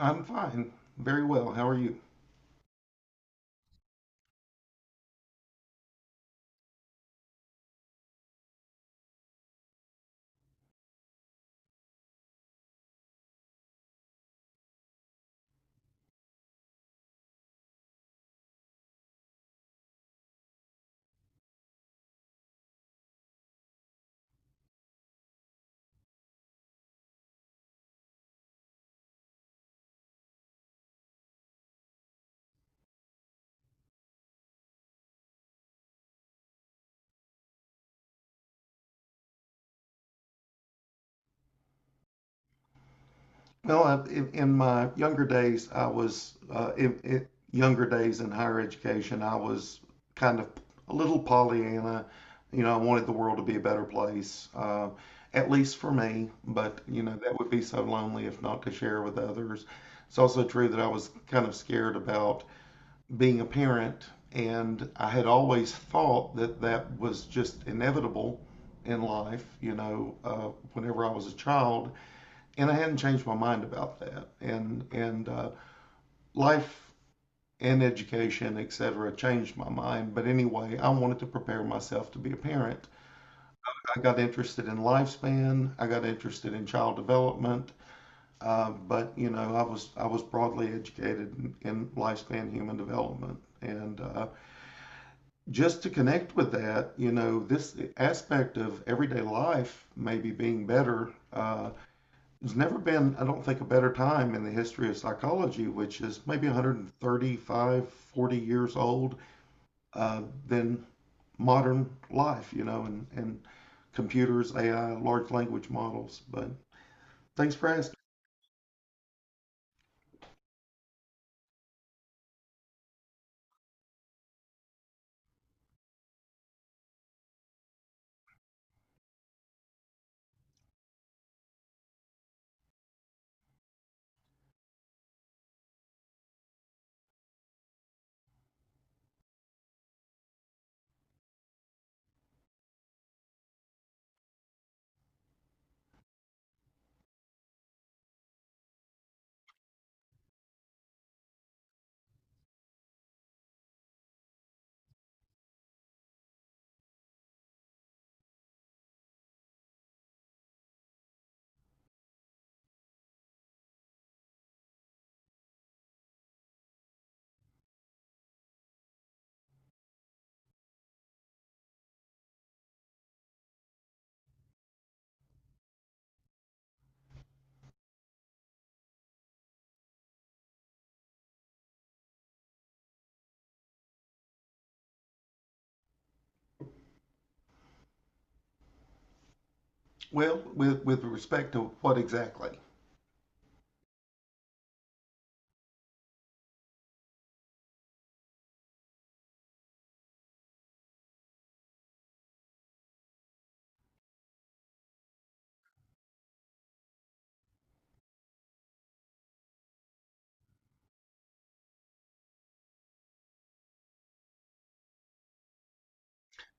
I'm fine, very well. How are you? Well, in my younger days, I was in younger days in higher education, I was kind of a little Pollyanna. You know, I wanted the world to be a better place, at least for me. But you know, that would be so lonely if not to share with others. It's also true that I was kind of scared about being a parent, and I had always thought that that was just inevitable in life, you know, whenever I was a child, and I hadn't changed my mind about that. And life and education, etc., changed my mind. But anyway, I wanted to prepare myself to be a parent. I got interested in lifespan. I got interested in child development. But you know, I was broadly educated in lifespan human development, and just to connect with that, you know, this aspect of everyday life maybe being better. There's never been, I don't think, a better time in the history of psychology, which is maybe 135, 40 years old, uh, than modern life, you know, and computers, AI, large language models. But thanks for asking. Well, with respect to what exactly?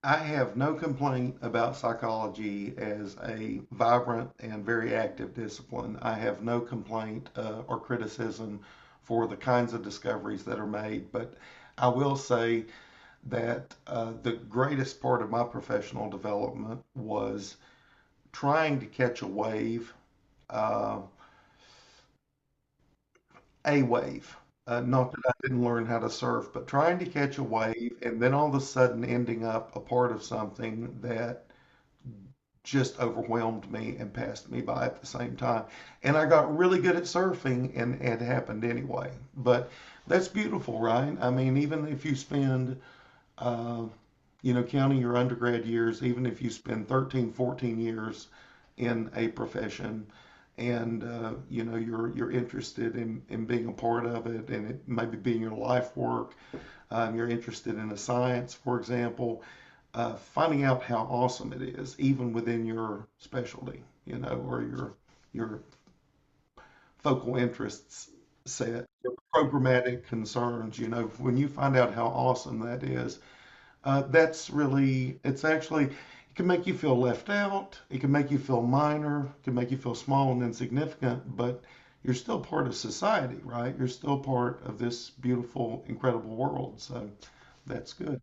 I have no complaint about psychology as a vibrant and very active discipline. I have no complaint or criticism for the kinds of discoveries that are made, but I will say that the greatest part of my professional development was trying to catch a wave, uh, a wave. Not that I didn't learn how to surf, but trying to catch a wave and then all of a sudden ending up a part of something that just overwhelmed me and passed me by at the same time. And I got really good at surfing and it happened anyway. But that's beautiful, right? I mean, even if you spend, uh, you know, counting your undergrad years, even if you spend 13, 14 years in a profession and, you know, you're interested in being a part of it and it maybe being your life work, you're interested in a science, for example, finding out how awesome it is, even within your specialty, you know, or your focal interests set, your programmatic concerns. You know, when you find out how awesome that is, that's really, it's actually, it can make you feel left out. It can make you feel minor. It can make you feel small and insignificant, but you're still part of society, right? You're still part of this beautiful, incredible world. So that's good.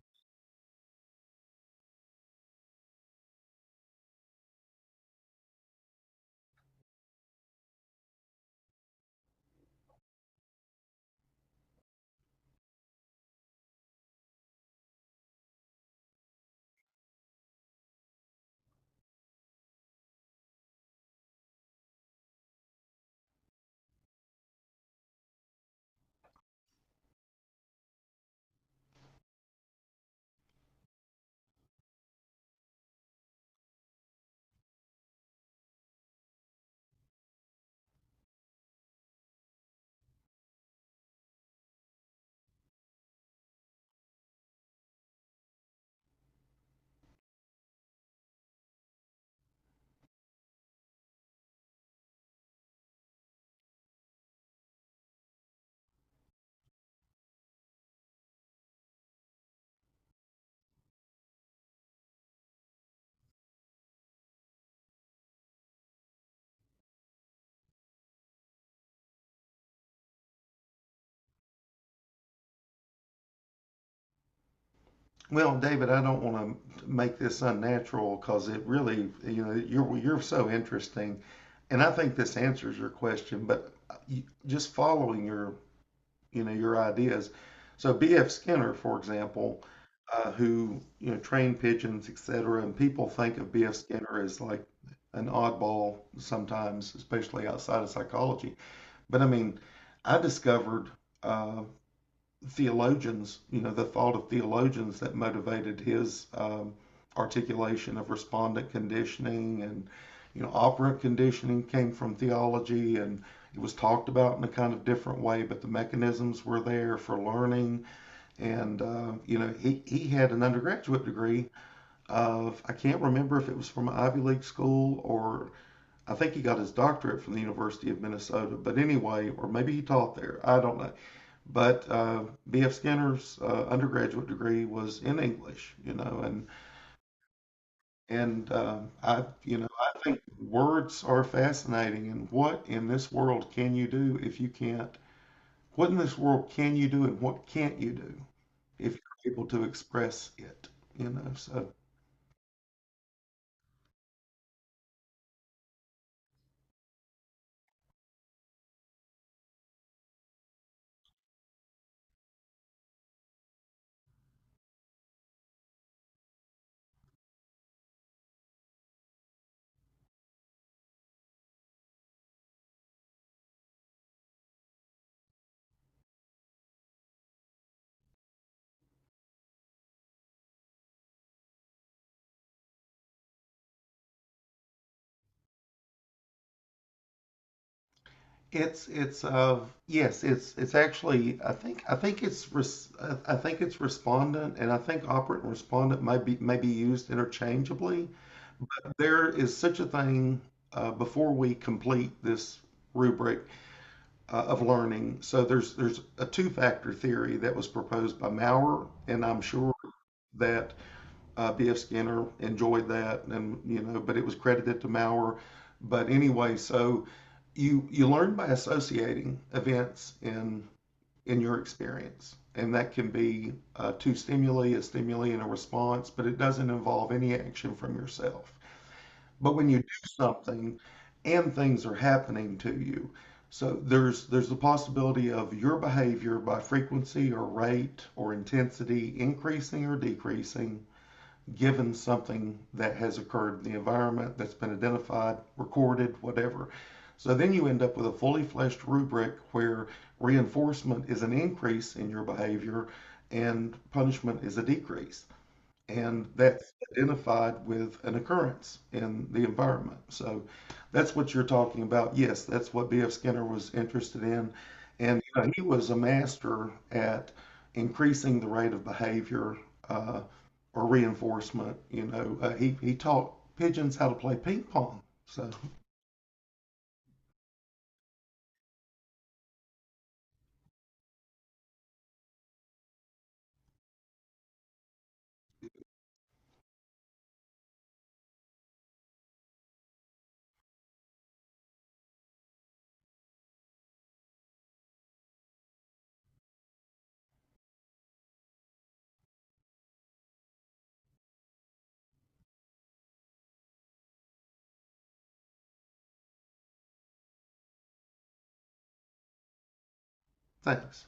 Well, David, I don't want to make this unnatural because it really, you know, you're so interesting, and I think this answers your question. But you- just following your, you know, your ideas. So B.F. Skinner, for example, who you know trained pigeons, etc., and people think of B.F. Skinner as like an oddball sometimes, especially outside of psychology. But I mean, I discovered. Um, theologians, you know, the thought of theologians that motivated his articulation of respondent conditioning and, you know, operant conditioning came from theology and it was talked about in a kind of different way, but the mechanisms were there for learning. And, you know, he had an undergraduate degree of, I can't remember if it was from an Ivy League school or I think he got his doctorate from the University of Minnesota, but anyway, or maybe he taught there. I don't know. But B.F. Skinner's undergraduate degree was in English, you know, and I, you know, I think words are fascinating. And what in this world can you do if you can't? What in this world can you do, and what can't you do if you're able to express it? You know, so it's yes, it's actually, I think it's res-, I think it's respondent, and I think operant and respondent may be used interchangeably. There is such a thing, before we complete this rubric of learning. So there's a two-factor theory that was proposed by Maurer, and I'm sure that B.F. Skinner enjoyed that, and you know, but it was credited to Maurer. But anyway, so you learn by associating events in your experience, and that can be two stimuli, a stimuli and a response, but it doesn't involve any action from yourself. But when you do something and things are happening to you, so there's the possibility of your behavior by frequency or rate or intensity increasing or decreasing given something that has occurred in the environment that's been identified, recorded, whatever. So then you end up with a fully fleshed rubric where reinforcement is an increase in your behavior and punishment is a decrease and that's identified with an occurrence in the environment. So that's what you're talking about. Yes, that's what B.F. Skinner was interested in. And you know, he was a master at increasing the rate of behavior, uh, or reinforcement. You know, he taught pigeons how to play ping pong. So thanks.